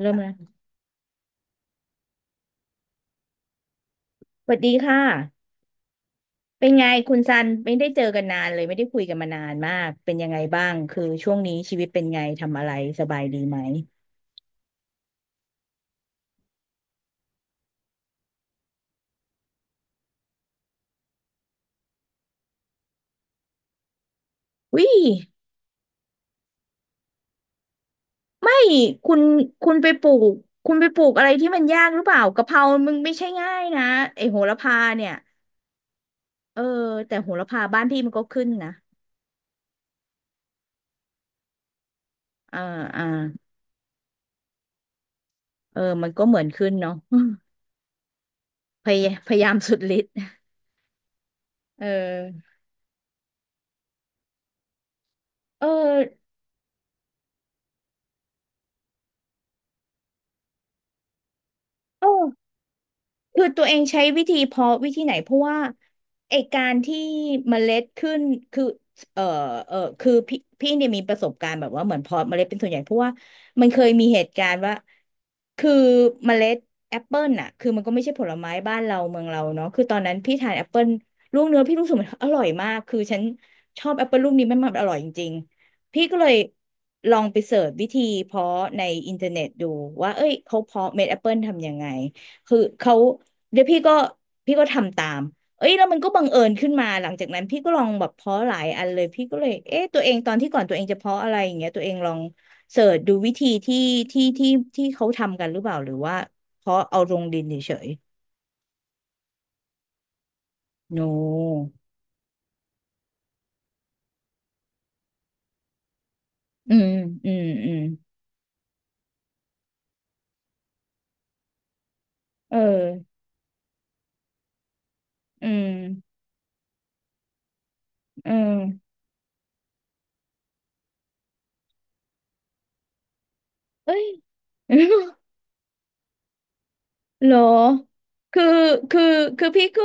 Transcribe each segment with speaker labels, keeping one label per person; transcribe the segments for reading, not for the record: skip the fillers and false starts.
Speaker 1: เริ่มแล้วสวัสดีค่ะเป็นไงคุณซันไม่ได้เจอกันนานเลยไม่ได้คุยกันมานานมากเป็นยังไงบ้างคือช่วงนี้ชีวิตเป็นไงทำอะไรสบายดีไหมวิใช่คุณคุณไปปลูกคุณไปปลูกอะไรที่มันยากหรือเปล่ากะเพรามึงไม่ใช่ง่ายนะไอโหระพาเนี่ยเออแต่โหระพาบ้านพี่มันก็ขึ้นนะอ่าอ่าเออมันก็เหมือนขึ้นเนาะ พยายามสุดฤทธิ์เออเออโอ้ คือตัวเองใช้วิธีเพาะวิธีไหนเพราะว่าไอการที่เมล็ดขึ้นคือเออเออคือพี่เนี่ยมีประสบการณ์แบบว่าเหมือนเพาะเมล็ดเป็นส่วนใหญ่เพราะว่ามันเคยมีเหตุการณ์ว่าคือเมล็ดแอปเปิลน่ะคือมันก็ไม่ใช่ผลไม้บ้านเราเมืองเราเนาะคือตอนนั้นพี่ทานแอปเปิลลูกเนื้อพี่รู้สึกมันอร่อยมากคือฉันชอบแอปเปิลลูกนี้มันอร่อยจริงๆพี่ก็เลยลองไปเสิร์ชวิธีเพาะในอินเทอร์เน็ตดูว่าเอ้ยเขาเพาะเม็ดแอปเปิลทำยังไง คือเขาเดี๋ยวพี่ก็พี่ก็ทำตามเอ้ยแล้วมันก็บังเอิญขึ้นมาหลังจากนั้นพี่ก็ลองแบบเพาะหลายอันเลยพี่ก็เลยเอ๊ะตัวเองตอนที่ก่อนตัวเองจะเพาะอะไรอย่างเงี้ยตัวเองลองเสิร์ชดูวิธีที่ที่ที่ที่เขาทำกันหรือเปล่าหรือว่าเพาะเอาลงดินเฉยๆโนอืมอืมเอออืมอืมเอ้ย เหรอคือคือคือพี่ก็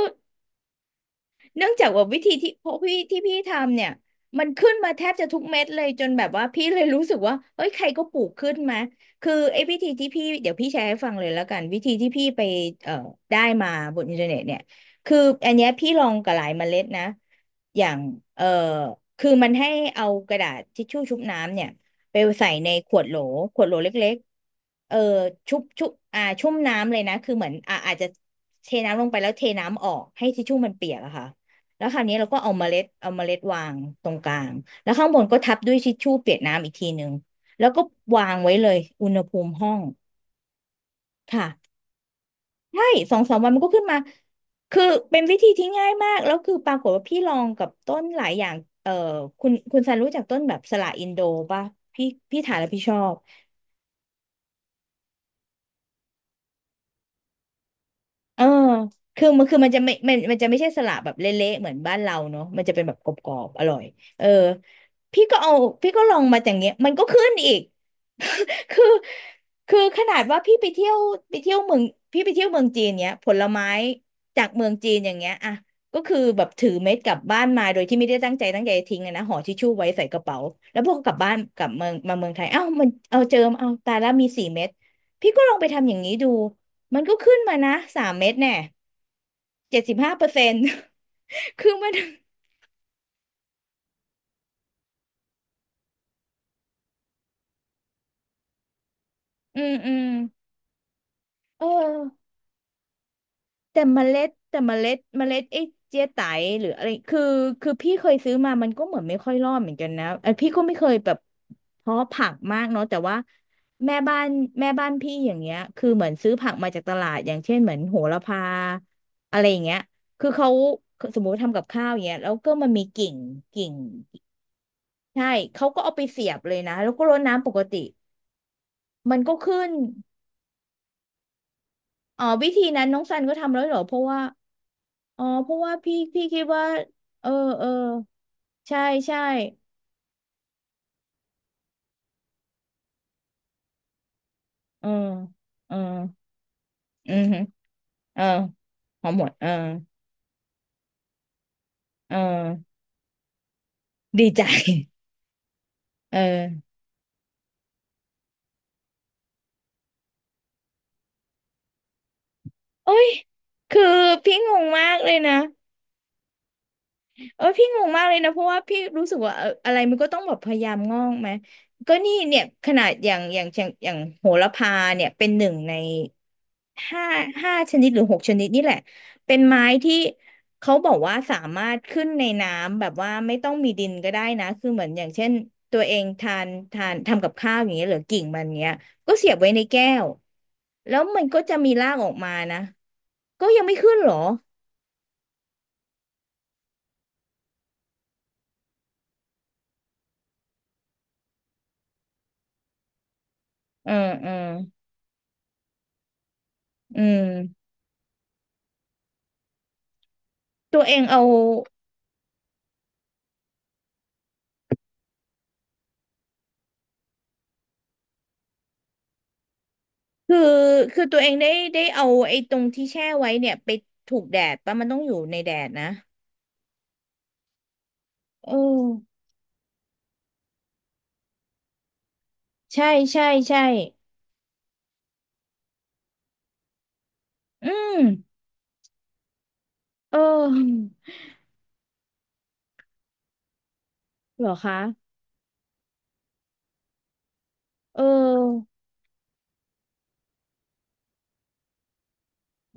Speaker 1: เนื่องจากว่าวิธีที่พวกพี่ที่พี่ทำเนี่ยมันขึ้นมาแทบจะทุกเม็ดเลยจนแบบว่าพี่เลยรู้สึกว่าเฮ้ยใครก็ปลูกขึ้นมาคือไอ้วิธีที่พี่เดี๋ยวพี่แชร์ให้ฟังเลยแล้วกันวิธีที่พี่ไปเอ่อได้มาบนอินเทอร์เน็ตเนี่ยคืออันเนี้ยพี่ลองกับหลายเมล็ดนะอย่างเอ่อคือมันให้เอากระดาษทิชชู่ชุบน้ำเนี่ยไปใส่ในขวดโหลขวดโหลเล็กๆเออชุบอ่าชุ่มน้ำเลยนะคือเหมือนอ่าอาจจะเทน้ำลงไปแล้วเทน้ำออกให้ทิชชู่มันเปียกอะค่ะ แล้วคราวนี้เราก็เอาเมล็ดวางตรงกลางแล้วข้างบนก็ทับด้วยทิชชู่เปียกน้ำอีกทีหนึ่งแล้วก็วางไว้เลยอุณหภูมิห้องค่ะใช่สองสามวันมันก็ขึ้นมาคือเป็นวิธีที่ง่ายมากแล้วคือปรากฏว่าพี่ลองกับต้นหลายอย่างเอ่อคุณซันรู้จักต้นแบบสละอินโดป่ะพี่พี่ถ่ายแล้วพี่ชอบ เออคือมันจะไม่มันจะไม่ใช่สละแบบเละๆเหมือนบ้านเราเนาะมันจะเป็นแบบกรอบๆอร่อยเออพี่ก็เอาพี่ก็ลองมาอย่างเงี้ยมันก็ขึ้นอีก คือคือขนาดว่าพี่ไปเที่ยวไปเที่ยวเมืองพี่ไปเที่ยวเมืองจีนเนี้ยผลไม้จากเมืองจีนอย่างเงี้ยอ่ะก็คือแบบถือเม็ดกลับบ้านมาโดยที่ไม่ได้ตั้งใจตั้งใจทิ้งอะนะห่อทิชชู่ไว้ใส่กระเป๋าแล้วพอกกลับบ้านกลับเมืองมาเมืองไทยเอ้ามันเอาเจอเอาตายแล้วมี4 เม็ดพี่ก็ลองไปทำอย่างนี้ดู มันก็ขึ้นมานะ3 เม็ดเนี่ย75% คือมันอืมเออแต่เมล็ดแต่เมล็ดไอ้เจี๊ยไตหรืออะไรคือคือพี่เคยซื้อมามันก็เหมือนไม่ค่อยรอดเหมือนกันนะเออพี่ก็ไม่เคยแบบเพาะผักมากเนาะแต่ว่าแม่บ้านแม่บ้านพี่อย่างเงี้ยคือเหมือนซื้อผักมาจากตลาดอย่างเช่นเหมือนโหระพาอะไรอย่างเงี้ยคือเขาสมมุติทำกับข้าวอย่างเงี้ยแล้วก็มันมีกิ่งใช่เขาก็เอาไปเสียบเลยนะแล้วก็รดน้ำปกติ มันก็ขึ้นอ๋อวิธีนั้นน้องซันก็ทำแล้วเหรอเพราะว่าอ๋อเพราะว่าพี่คิดว่าเออเออใช่ใช่เออเอออือฮึเออพอหมดเออเออดีใจเออโอ้ยคือพี่งงมากเลยนะเออพี่งงมากเลยนะเพราะว่าพี่รู้สึกว่าเอออะไรมันก็ต้องแบบพยายามงอกไหมก็นี่เนี่ยขนาดอย่างโหระพาเนี่ยเป็นหนึ่งใน ห้าห้าชนิดหรือหกชนิดนี่แหละเป็นไม้ที่เขาบอกว่าสามารถขึ้นในน้ำแบบว่าไม่ต้องมีดินก็ได้นะคือเหมือนอย่างเช่นตัวเองทานทำกับข้าวอย่างเงี้ยหรือกิ่งมันเงี้ยก็เสียบไว้ในแก้วแล้วมันก็จะมีรากออกมานะก็ยังไม่ขึ้นเหรอเออเอออืมตัวเองเอาคือคือตัวเองได้เอาไอ้ตรงที่แช่ไว้เนี่ยไปถูกแดดปะมันต้องอยู่ในแดดนะเออใช่ใช่ใช่อืม เออเหรอคะเออ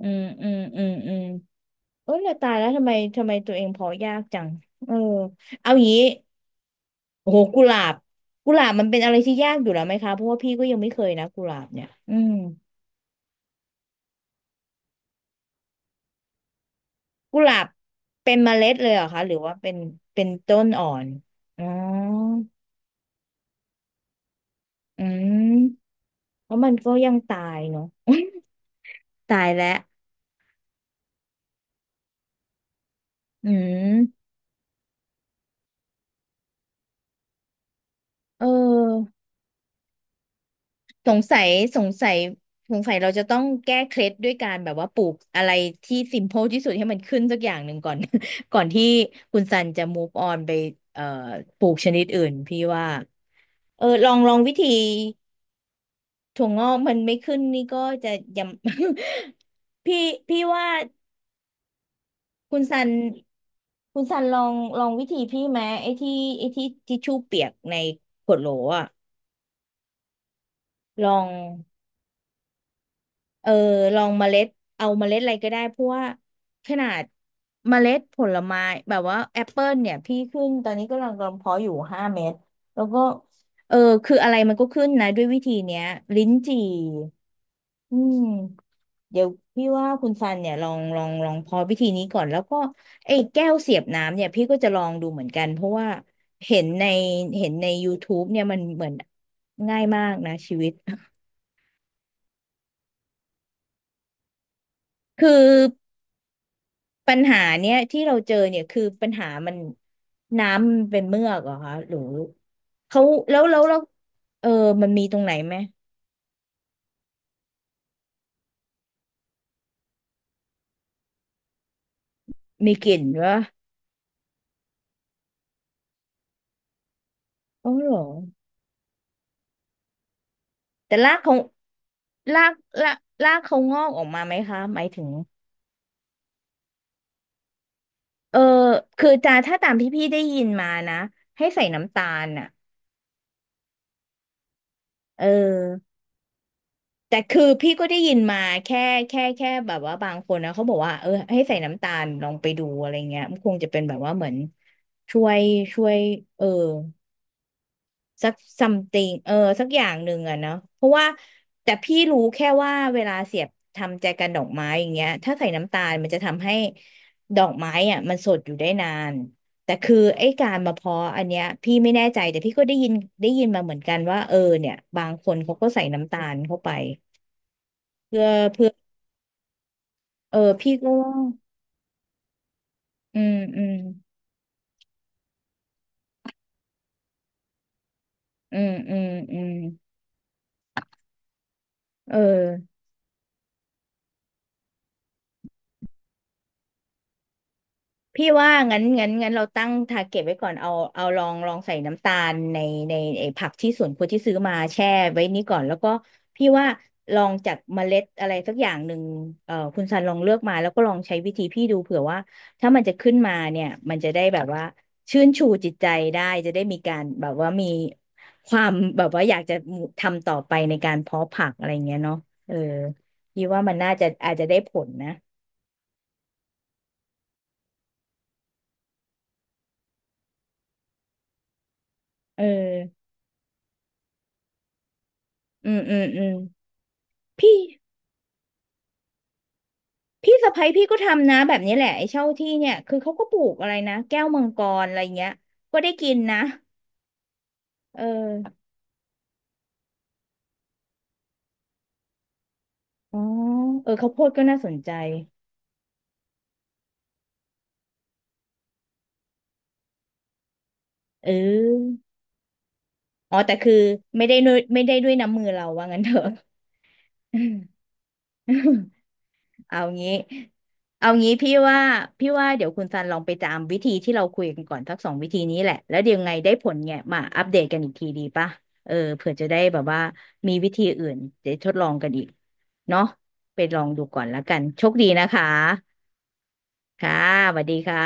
Speaker 1: อืมอืมอืมอืมเออแต่ตายแล้วทำไมตัวเองพอยากจังเออเอางี้โอ้โหกุหลาบกุหลาบมันเป็นอะไรที่ยากอยู่แล้วไหมคะเพราะว่าพี่ก็ยังไม่เคยนะกุหลาบเนี่ยอืมกุหลาบเป็นเมล็ดเลยเหรอคะหรือว่าเป็นต้นอ่อนอ๋ออืมเพราะมันก็ยังตายเนาะตายแล้วอืมเออ สงสัยสงสัยสงสัยเราจะต้องแก้เคล็ดด้วยการแบบว่าปลูกอะไรที่ simple ที่สุดให้มันขึ้นสักอย่างหนึ่งก่อน ก่อนที่คุณซันจะ move on ไปเอ่อปลูกชนิดอื่นพี่ว่าเออลองวิธีถั่วงอกมันไม่ขึ้นนี่ก็จะยำ พี่พี่ว่าคุณซันคุณซันลองวิธีพี่ไหมไอ้ที่ทิชชู่เปียกในขวดโหลอะลอง เออลองเมล็ดเอาเมล็ดอะไรก็ได้เพราะว่าขนาดเมล็ดผลไม้แบบว่าแอปเปิลเนี่ยพี่ขึ้นตอนนี้ก็กำลังเพาะอยู่ห้าเม็ดแล้วก็เออคืออะไรมันก็ขึ้นนะด้วยวิธีเนี้ยลิ้นจี่อืมเดี๋ยวพี่ว่าคุณซันเนี่ยลองพอวิธีนี้ก่อนแล้วก็ไอ้แก้วเสียบน้ำเนี่ยพี่ก็จะลองดูเหมือนกันเพราะว่าเห็นในเห็นใน YouTube เนี่ยมันเหมือนง่ายมากนะชีวิต คือ ปัญหาเนี้ยที่เราเจอเนี่ยคือปัญหามันน้ำมันเป็นเมือกเหรอคะหรือเขาแล้วเออมันมีตรงไหนไหมมีกลิ่นวะอ๋อเหรอแต่รากเขารากรากรากเขางอกออกมาไหมคะหมายถึงเออคือจาถ้าตามที่พี่ได้ยินมานะให้ใส่น้ำตาลอ่ะเออ แต่คือพี่ก็ได้ยินมาแค่แค่แบบว่าบางคนนะเขาบอกว่าเออให้ใส่น้ำตาลลองไปดูอะไรเงี้ยมันคงจะเป็นแบบว่าเหมือนช่วยช่วยเออสัก something เออสักอย่างหนึ่งอะเนาะเพราะว่าแต่พี่รู้แค่ว่าเวลาเสียบทำแจกันดอกไม้อย่างเงี้ยถ้าใส่น้ำตาลมันจะทำให้ดอกไม้อะมันสดอยู่ได้นานแต่คือไอ้การมาเพาะอันเนี้ยพี่ไม่แน่ใจแต่พี่ก็ได้ยินมาเหมือนกันว่าเออเนี่ยบางคนเขาก็ใส่น้ำตาลเข้าไปเพื่อเพื่อ เออพี่ก็ว่าอืมอืมอืมอืมอืมเออ พี่ว่างั้นเราตั้งทาร์เก็ตไว้ก่อนเอาลองใส่น้ำตาลในไอ้ผักที่สวนครัวที่ซื้อมาแช่ไว้นี้ก่อนแล้วก็พี่ว่าลองจากเมล็ดอะไรสักอย่างหนึ่งคุณซันลองเลือกมาแล้วก็ลองใช้วิธีพี่ดูเผื่อว่าถ้ามันจะขึ้นมาเนี่ยมันจะได้แบบว่าชื่นชูจิตใจได้จะได้มีการแบบว่ามีความแบบว่าอยากจะทำต่อไปในการเพาะผักอะไรเงี้ยเนาะเออพี่ว่ามันน่าจะอาจจะได้ผลนะเอออืมอืมอืมพี่ พี่สะใภ้พี่ก็ทำนะแบบนี้แหละไอ้เช่าที่เนี่ยคือเขาก็ปลูกอะไรนะแก้วมังกรอะไรเงี้ยก็ได้กินนะเอออ๋อเออข้าวโพดก็น่าสนใจเอออ๋อแต่คือไม่ได้ด้วยน้ำมือเราว่างั้นเถอะ เอางี้ เอางี้พี่ว่าเดี๋ยวคุณซันลองไปตามวิธีที่เราคุยกันก่อนสักสองวิธีนี้แหละ แล้วเดี๋ยวไงได้ผลเนี่ยมาอัปเดตกันอีกทีดีป่ะเออเผื่อจะได้แบบว่ามีวิธีอื่นจดทดลองกันอีกเนาะไปลองดูก่อนแล้วกันโชคดีนะคะ ค่ะสวัสดีค่ะ